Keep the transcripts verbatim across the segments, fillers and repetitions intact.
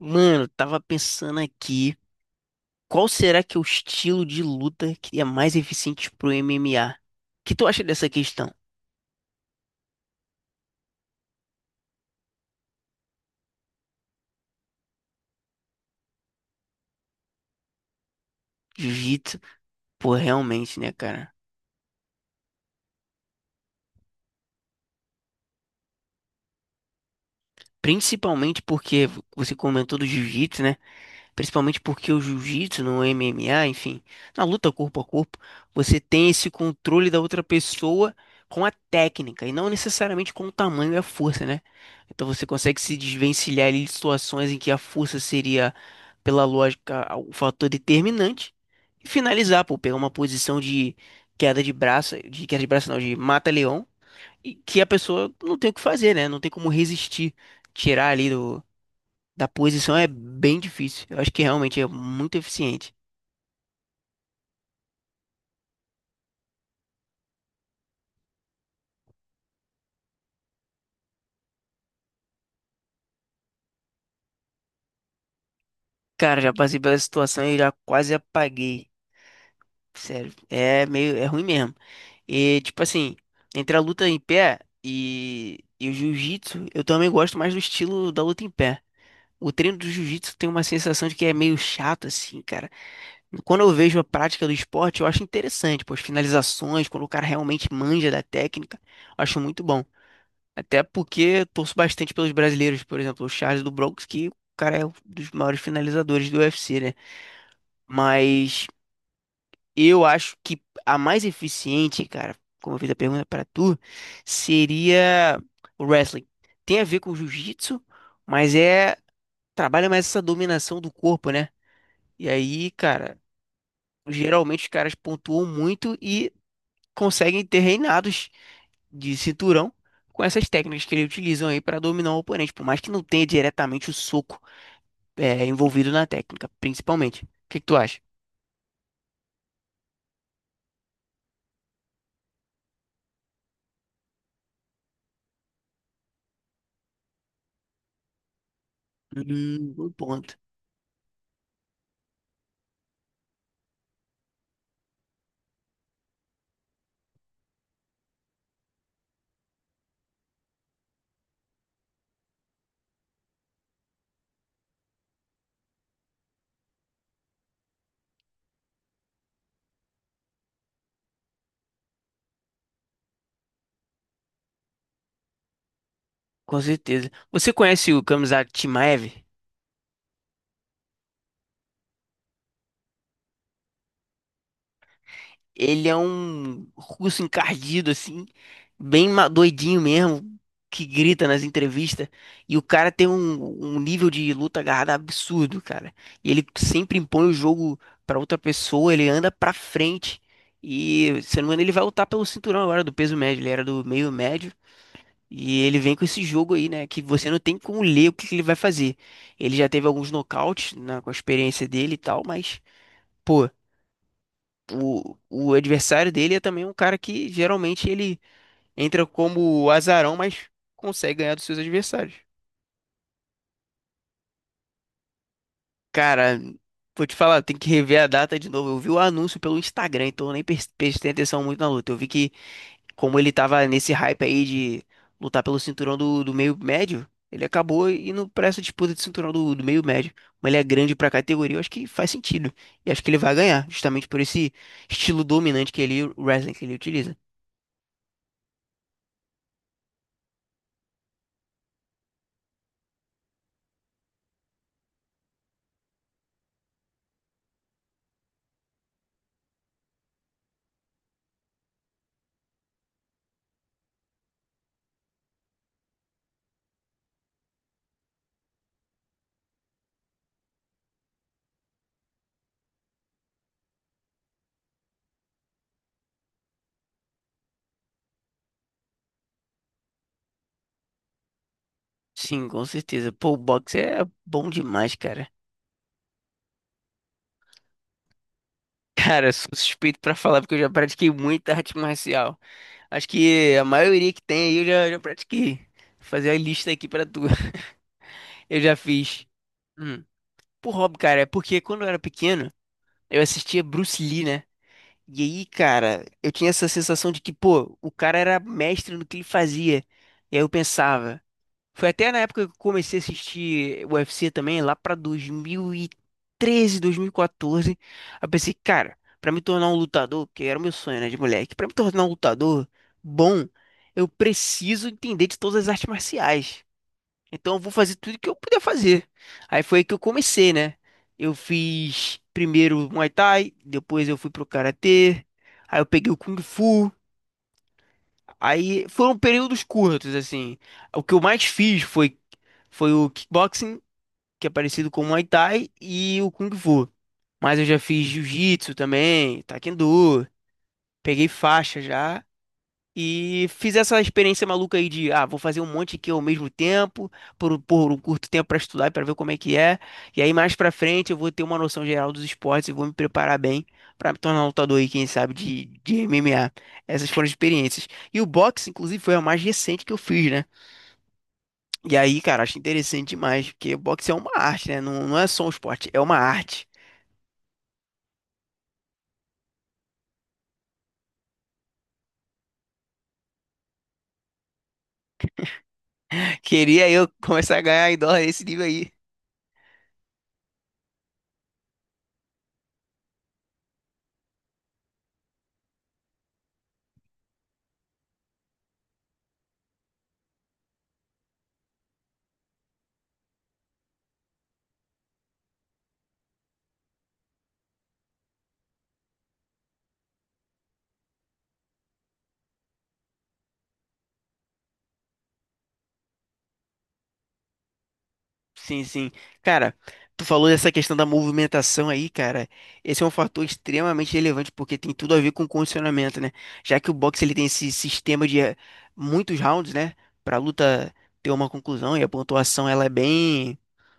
Mano, tava pensando aqui, qual será que é o estilo de luta que é mais eficiente pro M M A? O que tu acha dessa questão? Jiu-jitsu, pô, realmente, né, cara? Principalmente porque você comentou do jiu-jitsu, né? Principalmente porque o jiu-jitsu, no M M A, enfim, na luta corpo a corpo, você tem esse controle da outra pessoa com a técnica e não necessariamente com o tamanho e a força, né? Então você consegue se desvencilhar ali de situações em que a força seria, pela lógica, o fator determinante e finalizar, pô, pegar uma posição de queda de braço, de queda de braço não, de mata-leão, e que a pessoa não tem o que fazer, né? Não tem como resistir, tirar ali da posição é bem difícil. Eu acho que realmente é muito eficiente. Cara, já passei pela situação e já quase apaguei. Sério, é meio, é ruim mesmo. E tipo assim, entre a luta em pé e, e o jiu-jitsu, eu também gosto mais do estilo da luta em pé. O treino do jiu-jitsu tem uma sensação de que é meio chato assim, cara. Quando eu vejo a prática do esporte, eu acho interessante, pô, as finalizações, quando o cara realmente manja da técnica, eu acho muito bom. Até porque torço bastante pelos brasileiros, por exemplo, o Charles do Bronx, que o cara é um dos maiores finalizadores do U F C, né? Mas eu acho que a mais eficiente, cara, como eu fiz a pergunta pra tu, seria o wrestling. Tem a ver com o jiu-jitsu, mas é trabalha mais essa dominação do corpo, né? E aí, cara, geralmente os caras pontuam muito e conseguem ter reinados de cinturão com essas técnicas que ele utilizam aí para dominar o oponente, por mais que não tenha diretamente o soco é, envolvido na técnica, principalmente. O que que tu acha? Hum, bom ponto. Com certeza. Você conhece o Kamzat Chimaev? Ele é um russo encardido, assim, bem ma- doidinho mesmo, que grita nas entrevistas. E o cara tem um, um nível de luta agarrada absurdo, cara. E ele sempre impõe o jogo pra outra pessoa, ele anda pra frente. E, se não me engano, ele vai lutar pelo cinturão agora do peso médio. Ele era do meio médio. E ele vem com esse jogo aí, né? Que você não tem como ler o que que ele vai fazer. Ele já teve alguns nocautes, né, com a experiência dele e tal, mas. Pô, o, o adversário dele é também um cara que geralmente ele entra como azarão, mas consegue ganhar dos seus adversários. Cara, vou te falar, tem que rever a data de novo. Eu vi o anúncio pelo Instagram, então eu nem pres- prestei atenção muito na luta. Eu vi que, como ele tava nesse hype aí de lutar pelo cinturão do, do meio médio, ele acabou indo pra essa disputa de cinturão do, do meio médio. Mas ele é grande pra categoria, eu acho que faz sentido. E acho que ele vai ganhar, justamente por esse estilo dominante que ele, o wrestling que ele utiliza. Sim, com certeza. Pô, o boxe é bom demais, cara. Cara, sou suspeito pra falar porque eu já pratiquei muita arte marcial. Acho que a maioria que tem aí eu já, já pratiquei. Vou fazer a lista aqui pra tu. Eu já fiz. Hum. Por hobby, cara, é porque quando eu era pequeno, eu assistia Bruce Lee, né? E aí, cara, eu tinha essa sensação de que, pô, o cara era mestre no que ele fazia. E aí eu pensava. Foi até na época que eu comecei a assistir U F C também, lá pra dois mil e treze, dois mil e quatorze. Aí eu pensei, cara, pra me tornar um lutador, que era o meu sonho, né, de moleque, pra me tornar um lutador bom, eu preciso entender de todas as artes marciais. Então eu vou fazer tudo que eu puder fazer. Aí foi aí que eu comecei, né? Eu fiz primeiro Muay Thai, depois eu fui pro Karatê, aí eu peguei o Kung Fu. Aí foram períodos curtos, assim. O que eu mais fiz foi, foi o kickboxing, que é parecido com o Muay Thai, e o Kung Fu. Mas eu já fiz jiu-jitsu também, taekwondo, peguei faixa já. E fiz essa experiência maluca aí de, ah, vou fazer um monte aqui ao mesmo tempo, por, por um curto tempo para estudar e para ver como é que é. E aí mais para frente eu vou ter uma noção geral dos esportes e vou me preparar bem para me tornar um lutador aí, quem sabe, de, de M M A. Essas foram as experiências. E o boxe, inclusive, foi a mais recente que eu fiz, né? E aí, cara, acho interessante demais, porque boxe é uma arte, né? Não, não é só um esporte, é uma arte. Queria eu começar a ganhar em dólar esse nível aí. Sim, sim. Cara, tu falou dessa questão da movimentação aí, cara. Esse é um fator extremamente relevante porque tem tudo a ver com condicionamento, né? Já que o boxe ele tem esse sistema de eh, muitos rounds, né? Pra luta ter uma conclusão e a pontuação ela é bem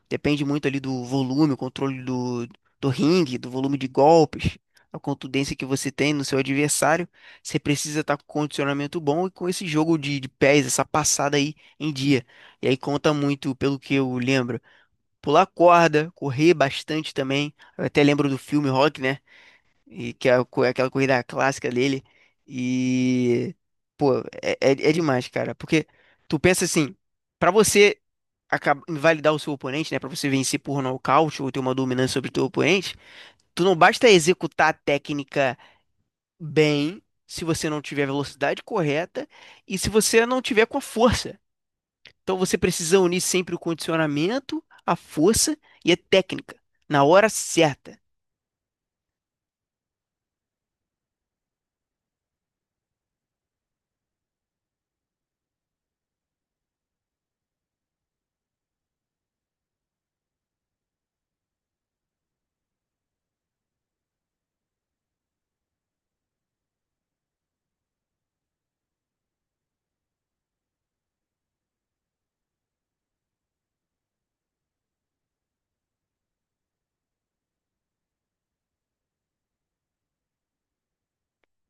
depende muito ali do volume, o controle do, do ringue, do volume de golpes, a contundência que você tem no seu adversário. Você precisa estar com condicionamento bom e com esse jogo de, de pés, essa passada aí em dia. E aí conta muito, pelo que eu lembro, pular corda, correr bastante também. Eu até lembro do filme Rock, né? E que é a co- é aquela corrida clássica dele. E, pô, é, é é demais, cara. Porque tu pensa assim, pra você acab- invalidar o seu oponente, né, para você vencer por nocaute ou ter uma dominância sobre o teu oponente, tu não basta executar a técnica bem se você não tiver a velocidade correta e se você não tiver com a força. Então você precisa unir sempre o condicionamento, a força e a técnica na hora certa.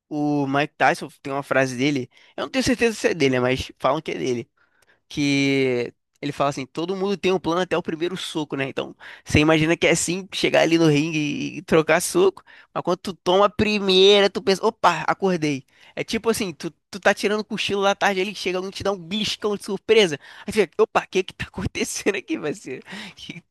O Mike Tyson tem uma frase dele, eu não tenho certeza se é dele, né, mas falam que é dele que ele fala assim, todo mundo tem um plano até o primeiro soco, né? Então, você imagina que é assim, chegar ali no ringue e, e trocar soco, mas quando tu toma a primeira, tu pensa, opa, acordei. É tipo assim, tu, tu tá tirando cochilo da tarde, ele chega alguém e te dá um beliscão de surpresa. Aí tu fica, opa, o que que tá acontecendo aqui, parceiro? E-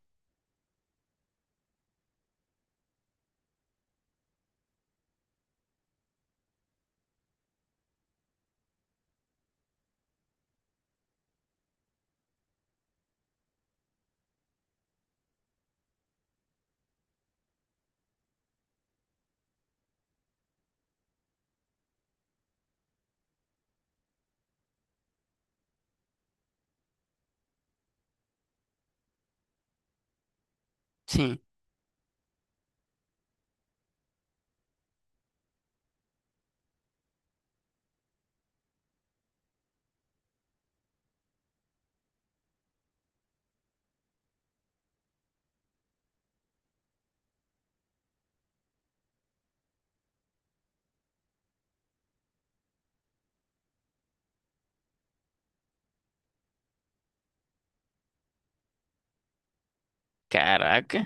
Sim, caraca.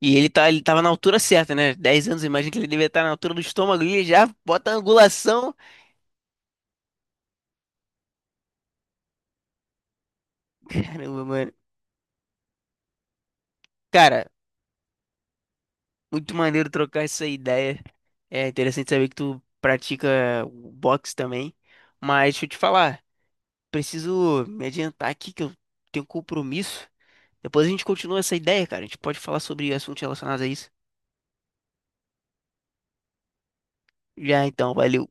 e ele tá, ele tava na altura certa, né? Dez anos, imagina que ele devia estar na altura do estômago ali, já bota a angulação. Caramba, mano. Cara, muito maneiro trocar essa ideia. É interessante saber que tu pratica o boxe também. Mas deixa eu te falar, preciso me adiantar aqui que eu tenho um compromisso. Depois a gente continua essa ideia, cara. A gente pode falar sobre assuntos relacionados a isso. Já então, valeu.